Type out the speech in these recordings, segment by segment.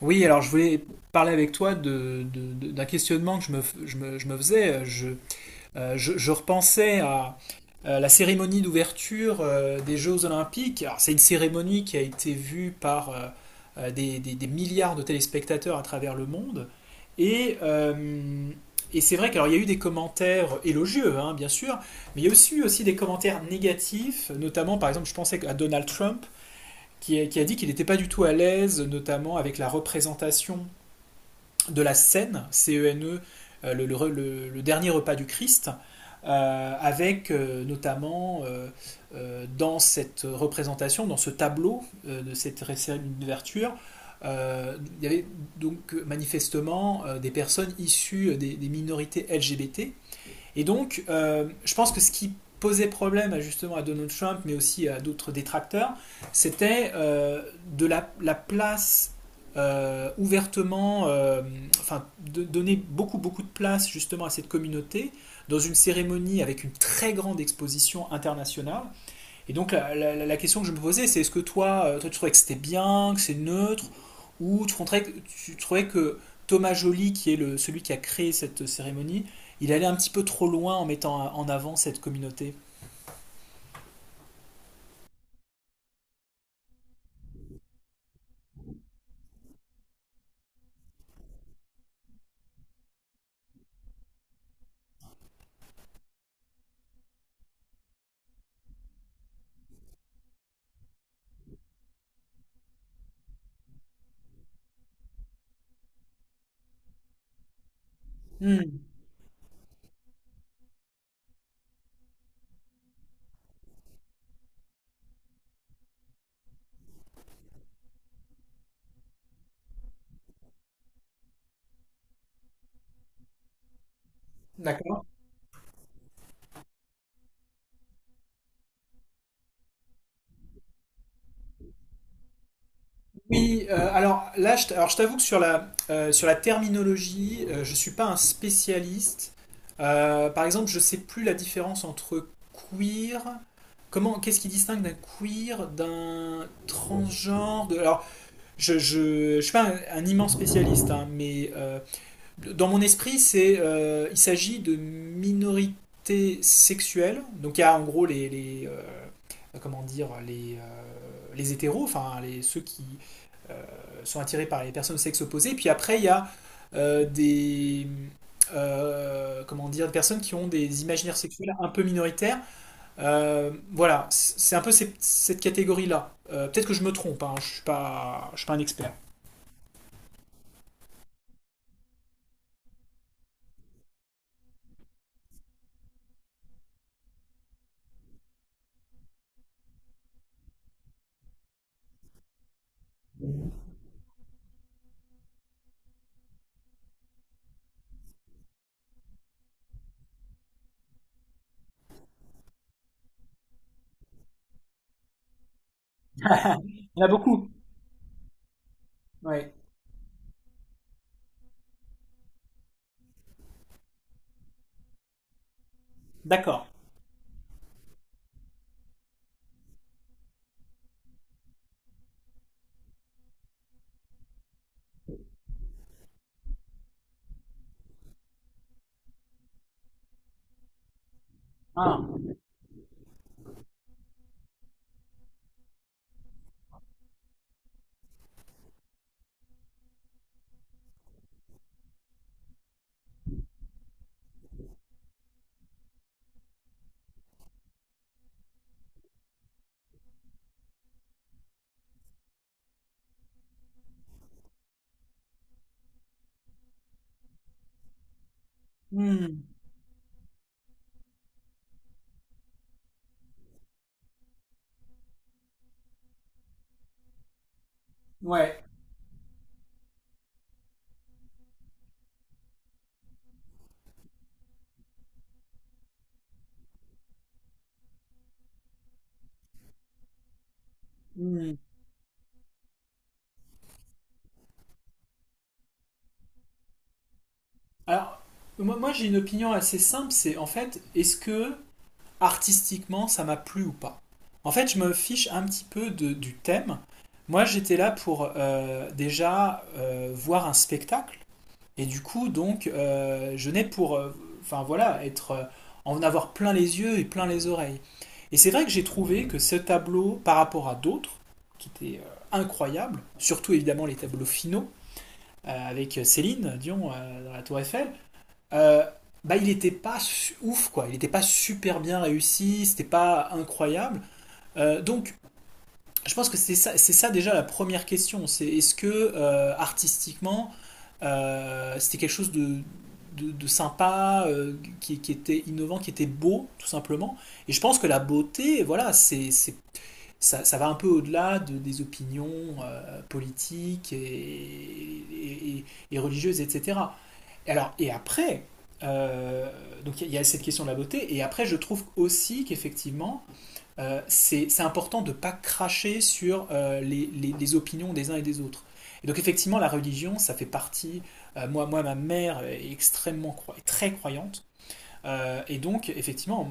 Oui, alors je voulais parler avec toi d'un questionnement que je me faisais. Je repensais à la cérémonie d'ouverture des Jeux Olympiques. Alors, c'est une cérémonie qui a été vue par des milliards de téléspectateurs à travers le monde. Et, euh, et c'est vrai qu'il y a eu des commentaires élogieux, hein, bien sûr, mais il y a aussi eu aussi des commentaires négatifs, notamment par exemple, je pensais à Donald Trump qui a dit qu'il n'était pas du tout à l'aise, notamment avec la représentation de la scène, C-E-N-E, le dernier repas du Christ, avec notamment dans cette représentation, dans ce tableau de cette cérémonie d'ouverture, il y avait donc manifestement des personnes issues des minorités LGBT et donc, je pense que ce qui posait problème justement à Donald Trump, mais aussi à d'autres détracteurs, c'était la place euh, ouvertement, euh, enfin, de donner beaucoup beaucoup de place justement à cette communauté dans une cérémonie avec une très grande exposition internationale et donc la question que je me posais, c'est est-ce que toi, toi tu trouvais que c'était bien, que c'est neutre, ou tu trouvais que Thomas Joly, qui est le, celui qui a créé cette cérémonie, il allait un petit peu trop loin en mettant en avant cette communauté? Hmm. D'accord. Oui, alors là, je, t- alors, je t'avoue que sur sur la terminologie, je ne suis pas un spécialiste. Par exemple, je ne sais plus la différence entre queer, comment, qu'est-ce qui distingue d'un queer, d'un transgenre, de, alors je suis pas un, un immense spécialiste, hein, mais dans mon esprit, il s'agit de minorités sexuelles. Donc il y a en gros comment dire, les hétéros, enfin les, ceux qui sont attirés par les personnes de sexe opposé. Puis après, il y a euh, des, comment dire, des personnes qui ont des imaginaires sexuels un peu minoritaires. Voilà, c'est un peu cette catégorie-là. Peut-être que je me trompe, hein, je suis pas un expert. Il y en a beaucoup. Ouais. D'accord. Ah. Hmm. Ouais. Hmm. Alors, moi, j'ai une opinion assez simple, c'est en fait, est-ce que artistiquement ça m'a plu ou pas? En fait, je me fiche un petit peu de- du thème. Moi, j'étais là pour déjà voir un spectacle, et du coup, donc, je n'ai pour, enfin voilà, être, en avoir plein les yeux et plein les oreilles. Et c'est vrai que j'ai trouvé que ce tableau, par rapport à d'autres, qui était incroyables, surtout évidemment les tableaux finaux, avec Céline Dion dans la Tour Eiffel, euh, bah, il n'était pas ouf, quoi. Il n'était pas super bien réussi, c'était pas incroyable. Donc, je pense que c'est ça déjà la première question. C'est est-ce que artistiquement, c'était quelque chose de, de sympa, qui était innovant, qui était beau, tout simplement. Et je pense que la beauté, voilà, c'est ça, ça va un peu au-delà de, des opinions politiques et religieuses, etc. Et cetera. Alors, et après, euh, donc y a cette question de la beauté, et après, je trouve aussi qu'effectivement, c'est important de ne pas cracher sur les opinions des uns et des autres. Et donc, effectivement, la religion, ça fait partie. Euh, moi, ma mère est extrêmement, très croyante. Et donc, effectivement,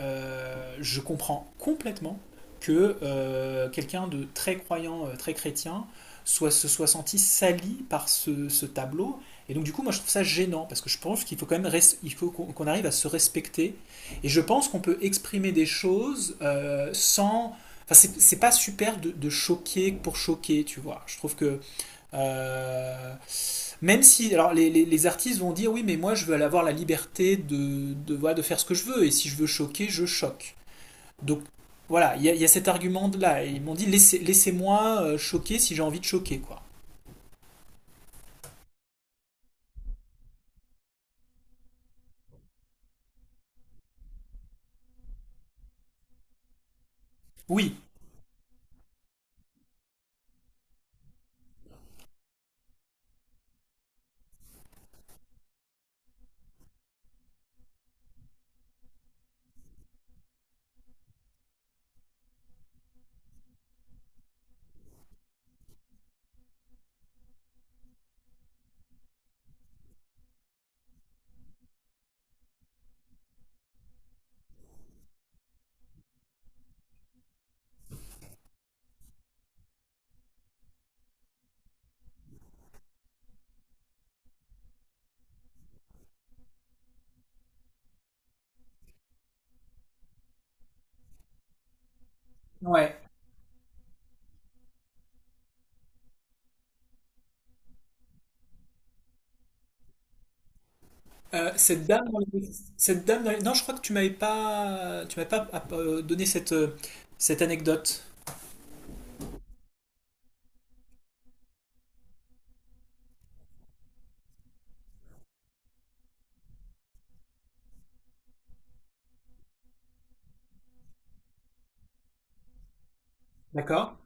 je comprends complètement que quelqu'un de très croyant, très chrétien, se soit senti sali par ce tableau. Et donc, du coup, moi, je trouve ça gênant, parce que je pense qu'il faut quand même il faut qu'on arrive à se respecter. Et je pense qu'on peut exprimer des choses sans. Enfin, c'est pas super de choquer pour choquer, tu vois. Je trouve que euh, même si, alors les artistes vont dire oui, mais moi je veux avoir la liberté voilà, de faire ce que je veux, et si je veux choquer, je choque. Donc voilà, il y a cet argument-là. Ils m'ont dit laissez-moi choquer si j'ai envie de choquer, quoi. Oui, ouais. Cette dame, dans les- cette dame, dans les- non, je crois que tu m'avais pas donné cette anecdote. D'accord?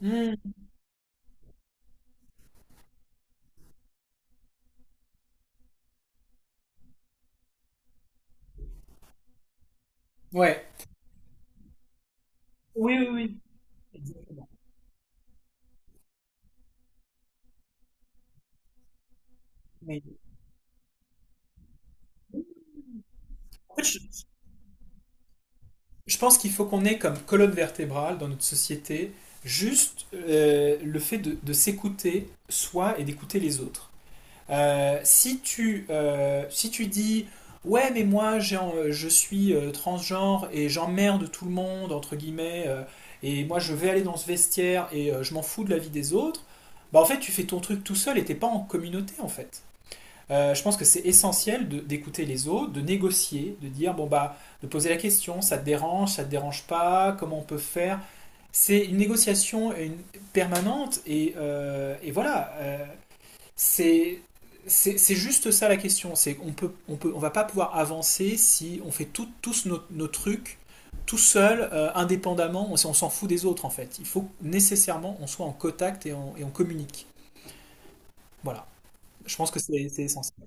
Hmm, ouais. Oui, oui, oui. Exactement. Mais je pense qu'il faut qu'on ait comme colonne vertébrale dans notre société juste le fait de s'écouter soi et d'écouter les autres. Si tu dis ouais mais moi j'ai je suis transgenre et j'emmerde tout le monde entre guillemets et moi je vais aller dans ce vestiaire et je m'en fous de la vie des autres, bah en fait tu fais ton truc tout seul et t'es pas en communauté en fait. Je pense que c'est essentiel de- d'écouter les autres, de négocier, de dire bon bah, de poser la question, ça te dérange pas, comment on peut faire. C'est une négociation et permanente et voilà. Euh, c'est c'est juste ça la question. C'est on va pas pouvoir avancer si on fait tous nos trucs tout seul, indépendamment. On s'en fout des autres en fait. Il faut nécessairement on soit en contact et on communique. Voilà. Je pense que c'est essentiel.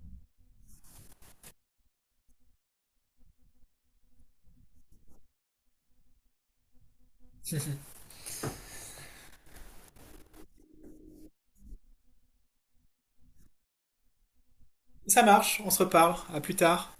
Ça marche, on se reparle. À plus tard.